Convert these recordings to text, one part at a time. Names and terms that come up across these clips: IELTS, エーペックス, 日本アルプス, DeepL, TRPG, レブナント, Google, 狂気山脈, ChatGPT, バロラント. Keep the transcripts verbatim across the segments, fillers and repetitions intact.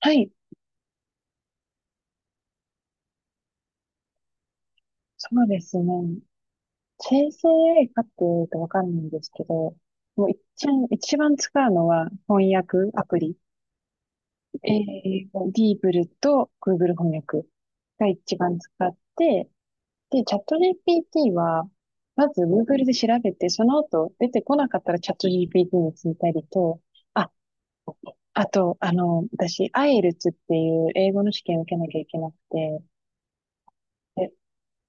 はい、そうですね。生成 エーアイ かっていうとわかんないんですけど、もう一番、一番使うのは翻訳アプリ。えー、ディーブルと Google 翻訳が一番使って、で、チャット ジーピーティー は、まず Google で調べて、その後出てこなかったらチャット ジーピーティー に聞いたりと、あ、あと、あの、私、アイエルツ っていう英語の試験を受けなきゃいけなくて、で、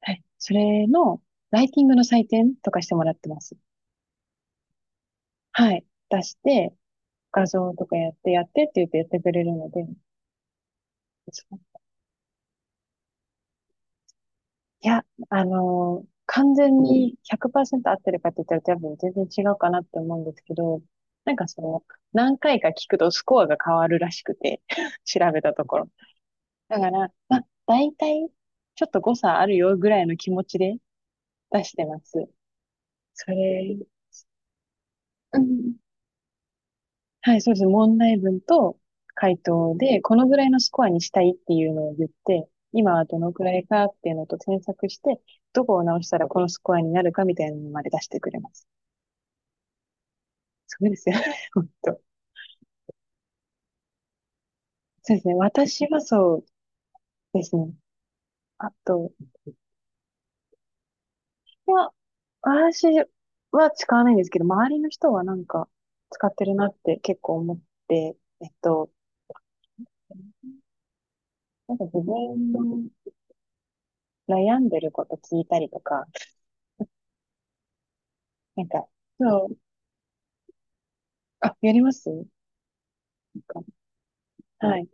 はい、それのライティングの採点とかしてもらってます。はい、出して、画像とかやってやってって言ってやってくれるので、そういや、あのー完全にひゃくパーセント合ってるかって言ったら多分全然違うかなって思うんですけど、なんかその、何回か聞くとスコアが変わるらしくて、調べたところ。だから、まあ、大体、ちょっと誤差あるよぐらいの気持ちで出してます。それ、うんはい、そうです。問題文と回答で、このぐらいのスコアにしたいっていうのを言って、今はどのくらいかっていうのと添削して、どこを直したらこのスコアになるかみたいなのまで出してくれます。そうですよね。本当。そうですね。私はそうですね。あとは、私は使わないんですけど、周りの人はなんか使ってるなって結構思って、えっと、なんか自分の悩んでること聞いたりとか、なんか、そう、あ、やりますかはい。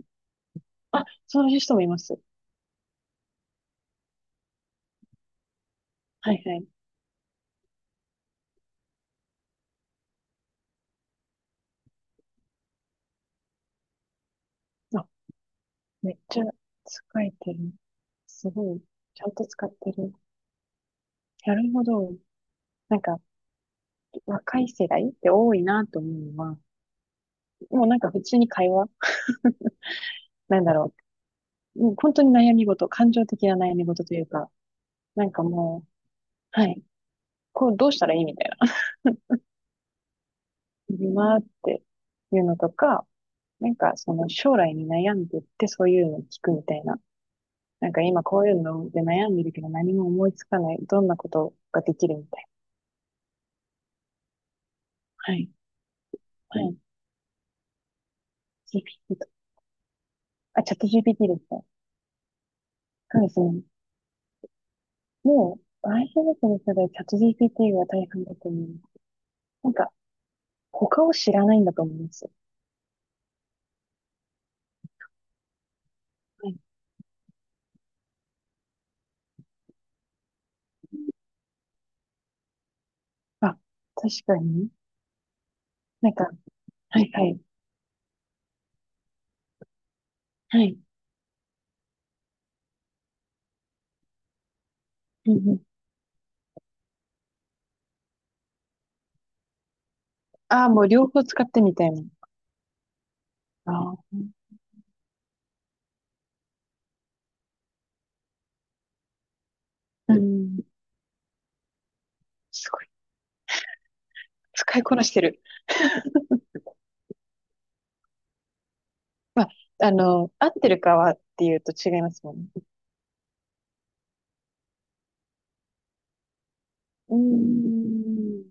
あ、そういう人もいます。はいはい。あ、めっちゃ使えてる。すごい。ちゃんと使ってる。なるほど。なんか、若い世代って多いなと思うのは、もうなんか普通に会話、なんだろう。もう本当に悩み事、感情的な悩み事というか、なんかもう、はい。こうどうしたらいいみたいな。今っていうのとか、なんかその将来に悩んでってそういうのを聞くみたいな。なんか今こういうので悩んでるけど何も思いつかない。どんなことができるみたいな。はい。はい。ジーピーティー と。あ、チャット ジーピーティー ですね。そうですね。もう、アイピー の世代チャット ジーピーティー が大半だと思う。なんか、他を知らないんだと思いますはい。あ、確かに。なんか、はいはい。はい。うんうん。ああ、もう両方使ってみたいな。ああ。うん。すごい。使いこなしてる。まあ、あの、合ってるかはっていうと違いますもんね。うーん。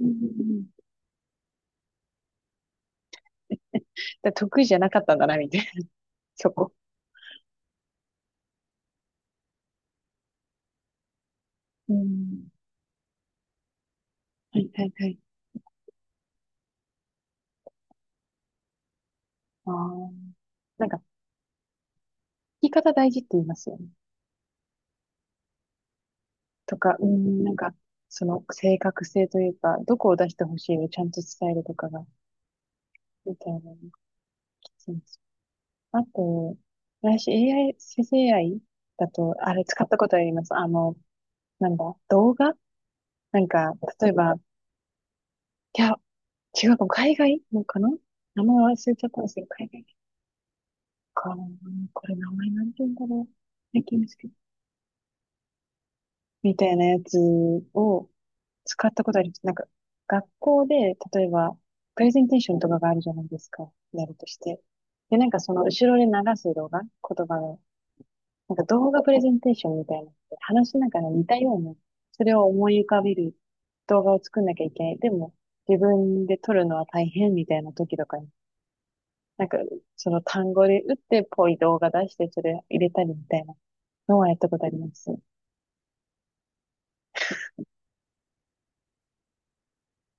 うんうんうん。だ得意じゃなかったんだな、みたいな、そこ。うん。はいはいはい。ああ。なんか、聞き方大事って言いますよね。とか、うんなんか、その正確性というか、どこを出してほしいをちゃんと伝えるとかが、みたいなのもきついんですよ。あと、私 エーアイ、生成 エーアイ だと、あれ使ったことあります。あの、なんだ、動画なんか、例えば、いや、違うかも、海外のかな名前忘れちゃったんですけど、海外。か、これ名前なんて言うんだろう。最近ですけど。みたいなやつを使ったことあります。なんか、学校で、例えば、プレゼンテーションとかがあるじゃないですか。やるとして。で、なんかその後ろで流す動画、言葉の、なんか動画プレゼンテーションみたいなのって話しながら似たような、それを思い浮かべる動画を作んなきゃいけない。でも、自分で撮るのは大変みたいな時とかになんか、その単語で打ってぽい動画出して、それ入れたりみたいなのはやったことあります。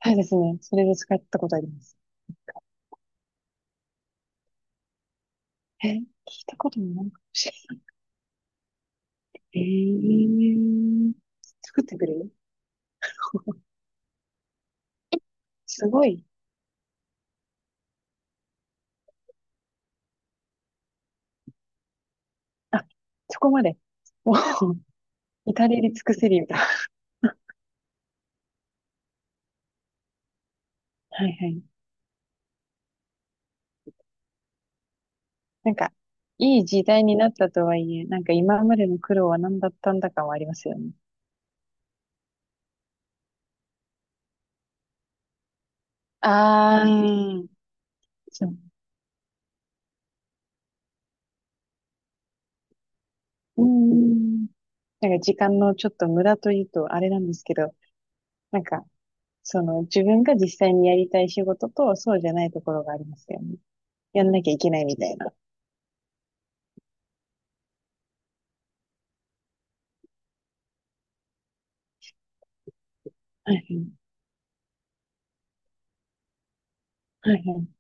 はいですね。それで使ったことあります。え、聞いたこともないかもしれない。えー、作ってくれるすごい。あ、そこまで。もう、至れり尽くせりだはいはい。なんか、いい時代になったとはいえ、なんか今までの苦労は何だったんだかはありますよね。ああ、そう。うーん。なんか時間のちょっと無駄というとあれなんですけど、なんか、その、自分が実際にやりたい仕事と、そうじゃないところがありますよね。やんなきゃいけないみたいな。はいはい、はい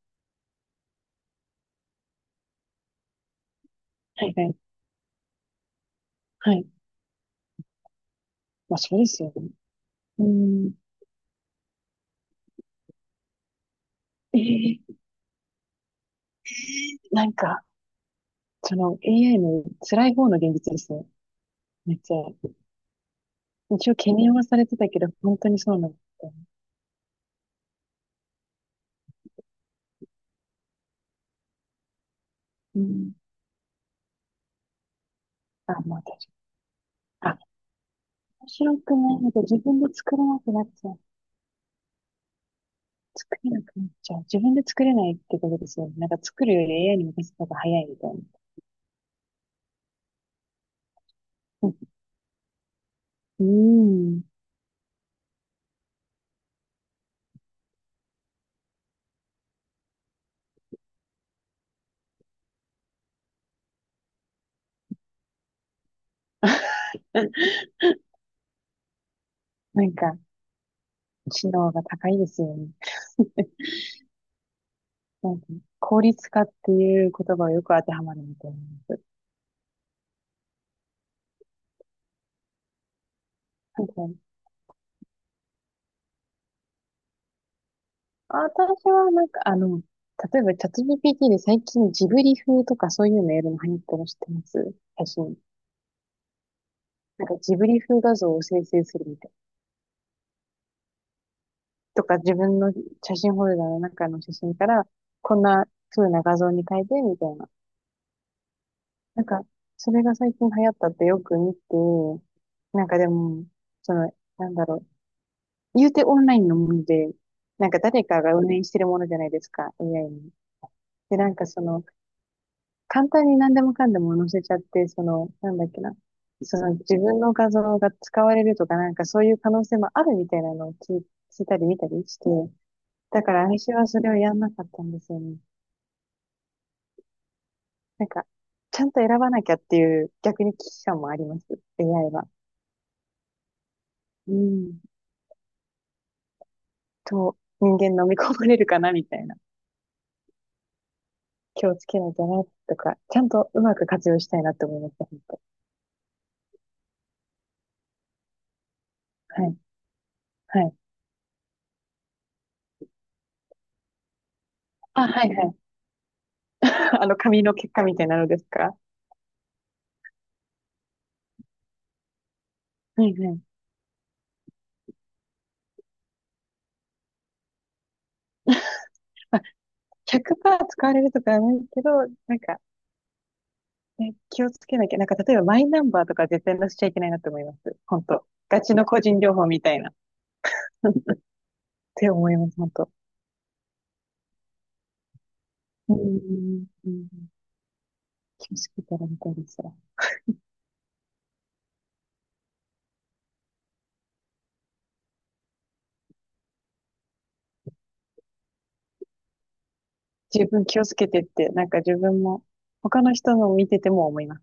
はい、はいはい、はい。まあ、そうですよね。うん。えー、なんか、その エーアイ の辛い方の現実ですね。めっちゃ。一応懸念はされてたけど、本当にそうなんだったね。うん。あ、まあ、確かに。あ、面白くないので自分で作れなくなっちゃう。作れなくなっちゃう。自分で作れないってことですよね。なんか作るより エーアイ に任せた方が早いみたいな。うん。なんか、知能が高いですよね。なんか、効率化っていう言葉をよく当てはまるみと思います。なんか、私はなんか、あの、例えばチャット ジーピーティー で最近ジブリ風とかそういうメールも流行ってるの知ってます写真。なんかジブリ風画像を生成するみたい。とか自分の写真フォルダの中の写真からこんな風な画像に変えてみたいな。なんか、それが最近流行ったってよく見て、なんかでも、その、なんだろう。言うてオンラインのもので、なんか誰かが運営してるものじゃないですか、エーアイ に。で、なんかその、簡単に何でもかんでも載せちゃって、その、なんだっけな、その自分の画像が使われるとか、なんかそういう可能性もあるみたいなのを聞い聞いたり見たりして、だから私はそれをやんなかったんですよね。なんか、ちゃんと選ばなきゃっていう逆に危機感もあります、エーアイ は。うん。と、人間飲み込まれるかなみたいな。気をつけないとな、とか、ちゃんとうまく活用したいなって思いました、本当。はい、はい。あ、はい、はい。あの、紙の結果みたいなのですかはいはい。ひゃくパーセント使われるとかはないけど、なんか、ね、気をつけなきゃ。なんか、例えばマイナンバーとか絶対載せちゃいけないなって思います。本当。ガチの個人情報みたいな。って思います、本当。うん。うん気をつけたらみたいですわ。十分気をつけてって、なんか自分も、他の人の見てても思います。